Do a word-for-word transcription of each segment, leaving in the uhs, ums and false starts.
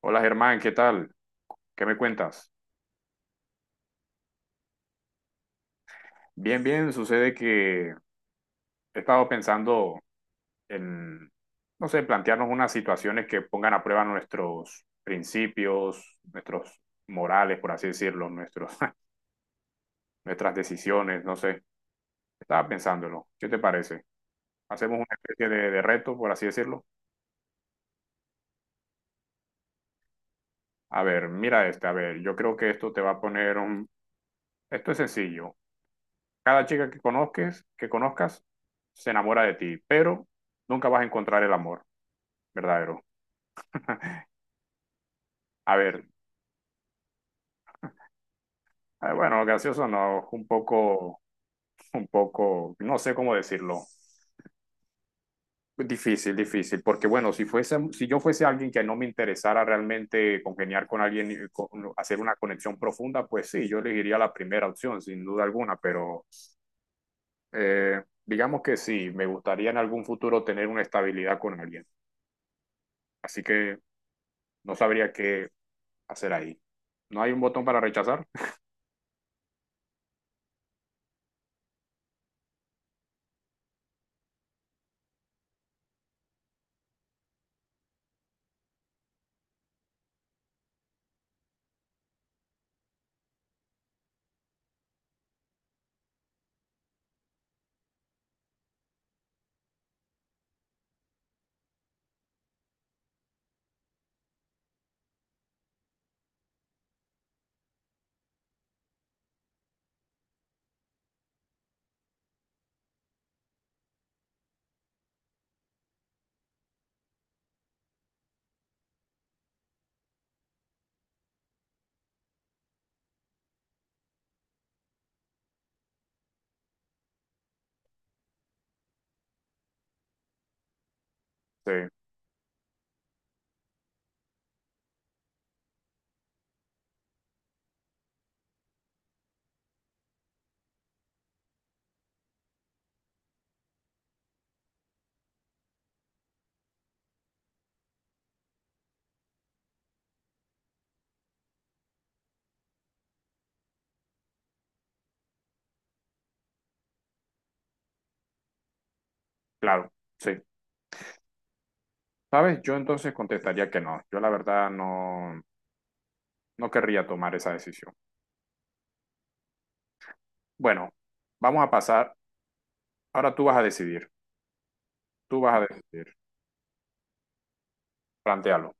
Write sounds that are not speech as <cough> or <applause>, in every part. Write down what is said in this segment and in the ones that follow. Hola Germán, ¿qué tal? ¿Qué me cuentas? Bien, bien, sucede que he estado pensando en, no sé, plantearnos unas situaciones que pongan a prueba nuestros principios, nuestros morales, por así decirlo, nuestros, <laughs> nuestras decisiones, no sé. Estaba pensándolo. ¿Qué te parece? Hacemos una especie de, de reto, por así decirlo. A ver, mira este, a ver, yo creo que esto te va a poner un... Esto es sencillo. Cada chica que conozcas, que conozcas, se enamora de ti, pero nunca vas a encontrar el amor. Verdadero. A ver, eh, bueno, gracioso no, un poco, un poco, no sé cómo decirlo. Difícil, difícil, porque bueno, si fuese, si yo fuese alguien que no me interesara realmente congeniar con alguien, y con- hacer una conexión profunda, pues sí, yo elegiría la primera opción, sin duda alguna, pero eh, digamos que sí, me gustaría en algún futuro tener una estabilidad con alguien, así que no sabría qué hacer ahí. ¿No hay un botón para rechazar? Sí, claro, sí. ¿Sabes? Yo entonces contestaría que no. Yo la verdad no, no querría tomar esa decisión. Bueno, vamos a pasar. Ahora tú vas a decidir. Tú vas a decidir. Plantéalo.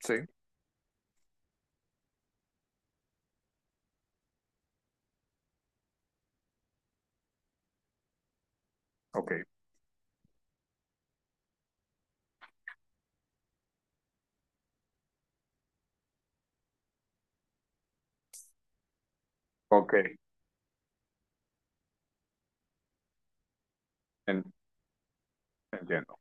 Sí. Ok, ok. En- Entiendo.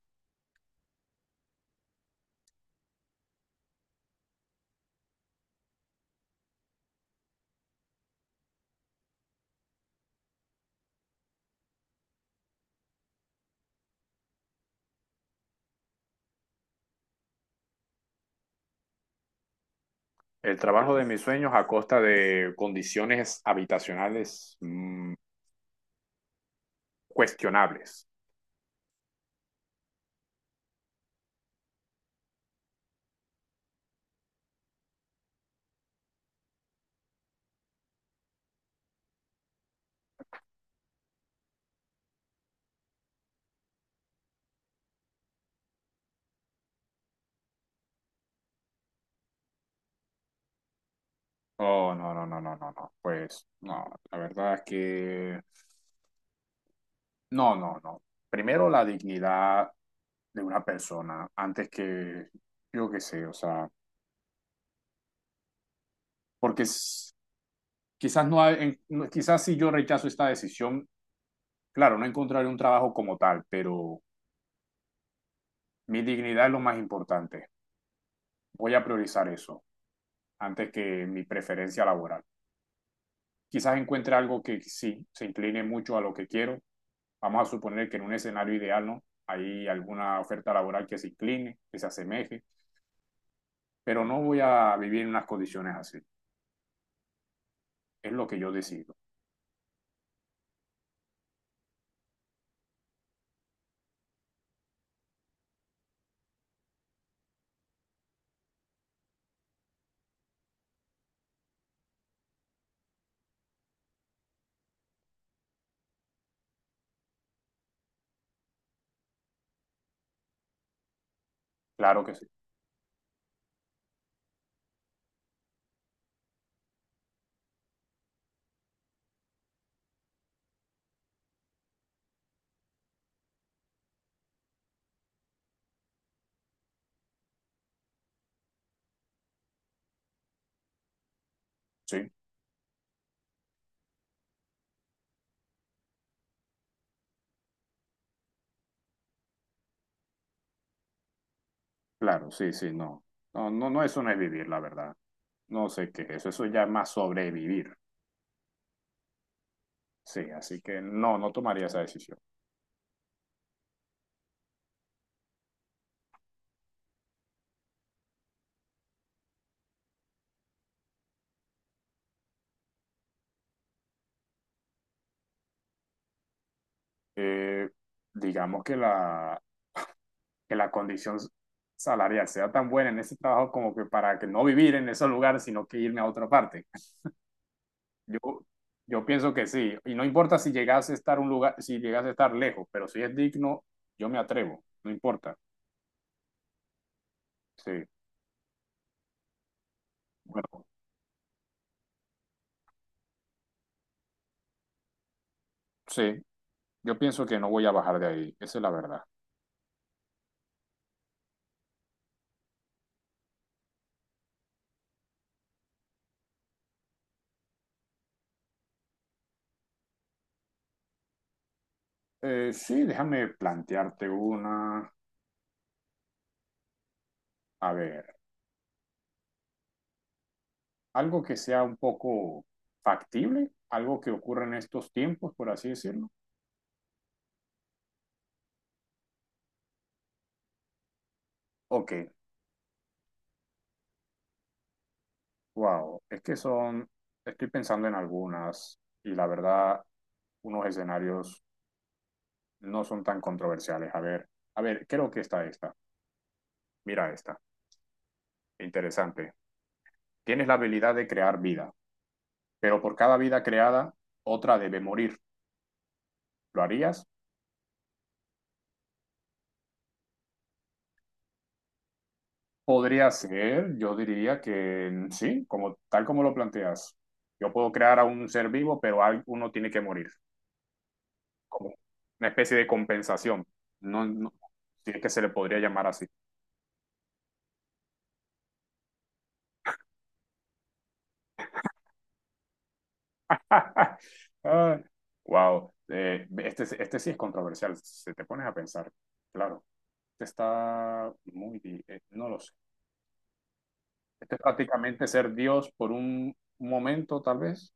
El trabajo de mis sueños a costa de condiciones habitacionales mm, cuestionables. Oh, no, no, no, no, no, no. Pues no, la verdad es que no, no, no. Primero la dignidad de una persona antes que, yo qué sé, o sea. porque es- Quizás no hay, en- no- quizás si yo rechazo esta decisión, claro, no encontraré un trabajo como tal, pero mi dignidad es lo más importante. Voy a priorizar eso antes que mi preferencia laboral. Quizás encuentre algo que sí se incline mucho a lo que quiero. Vamos a suponer que en un escenario ideal, ¿no? Hay alguna oferta laboral que se incline, que se asemeje, pero no voy a vivir en unas condiciones así. Es lo que yo decido. Claro que sí. Sí. Claro, sí, sí, no. No, no, no, eso no es vivir, la verdad. No sé qué es eso, eso ya es más sobrevivir. Sí, así que no, no tomaría esa decisión. Eh, digamos que la, que la condición salarial sea tan buena en ese trabajo como que para que no vivir en ese lugar, sino que irme a otra parte. Yo, yo pienso que sí, y no importa si llegase a estar un lugar, si llegase a estar lejos, pero si es digno, yo me atrevo, no importa. Sí, bueno, sí, yo pienso que no voy a bajar de ahí, esa es la verdad. Eh, sí, déjame plantearte una. A ver, algo que sea un poco factible, algo que ocurra en estos tiempos, por así decirlo. Ok, wow, es que son, estoy pensando en algunas y la verdad, unos escenarios no son tan controversiales. A ver, a ver, creo que está esta. Mira esta, interesante. Tienes la habilidad de crear vida, pero por cada vida creada, otra debe morir. ¿Lo harías? Podría ser, yo diría que mm, sí, como tal como lo planteas. Yo puedo crear a un ser vivo, pero al- uno tiene que morir, como una especie de compensación. No, no, si es que se le podría llamar así. <laughs> Wow. Eh, este, es- este sí es controversial, si te pones a pensar. Claro, este está muy, di- eh, no lo sé. Este es prácticamente ser Dios por un momento, tal vez.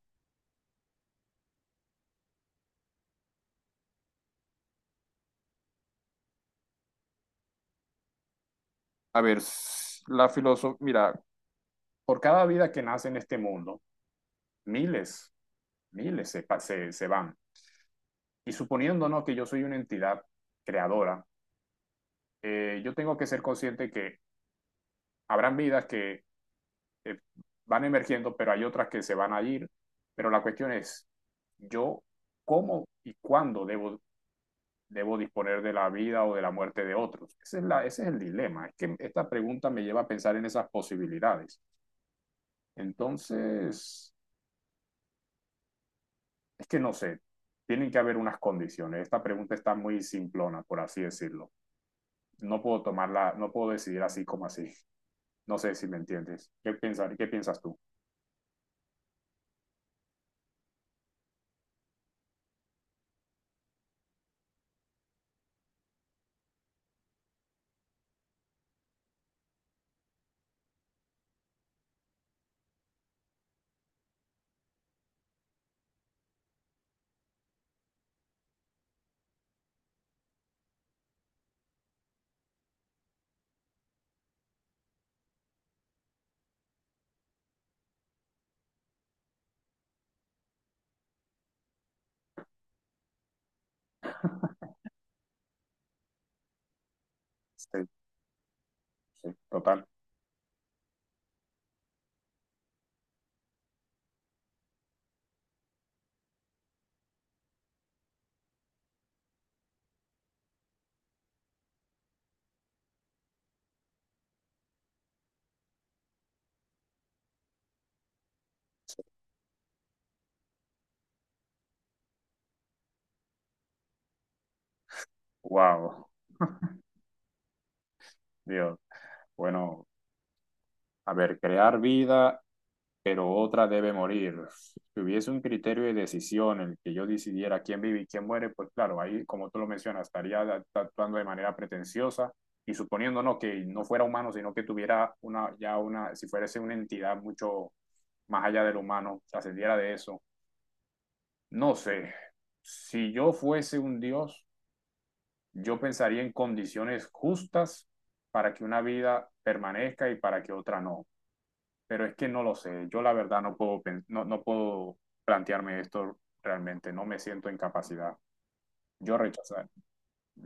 A ver, s- la filosofía, mira, por cada vida que nace en este mundo, miles, miles se, se, se van. Y suponiendo, ¿no? que yo soy una entidad creadora, eh, yo tengo que ser consciente que habrán vidas que eh, van emergiendo, pero hay otras que se van a ir. Pero la cuestión es, yo cómo y cuándo debo, debo disponer de la vida o de la muerte de otros. Ese es la, ese es el dilema. Es que esta pregunta me lleva a pensar en esas posibilidades. Entonces, es que no sé, tienen que haber unas condiciones. Esta pregunta está muy simplona, por así decirlo. No puedo tomarla, no puedo decidir así como así. No sé si me entiendes. ¿Qué piensas, qué piensas tú? Sí, sí, total. Wow. <laughs> Dios. Bueno, a ver, crear vida, pero otra debe morir. Si hubiese un criterio de decisión en el que yo decidiera quién vive y quién muere, pues claro, ahí, como tú lo mencionas, estaría a- actuando de manera pretenciosa y suponiendo no que no fuera humano, sino que tuviera una, ya una, si fuese una entidad mucho más allá del humano, trascendiera de eso. No sé, si yo fuese un Dios, yo pensaría en condiciones justas para que una vida permanezca y para que otra no. Pero es que no lo sé, yo la verdad no puedo, pen- no, no puedo plantearme esto realmente, no me siento en capacidad. Yo rechazar.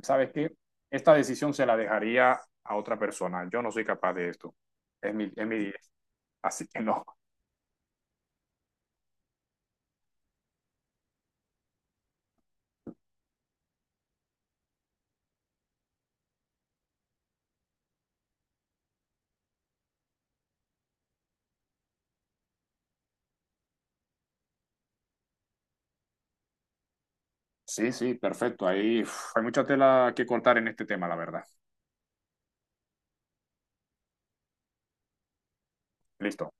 ¿Sabes qué? Esta decisión se la dejaría a otra persona, yo no soy capaz de esto. Es mi, es mi, así que no. Sí, sí, perfecto. Ahí uf, hay mucha tela que cortar en este tema, la verdad. Listo.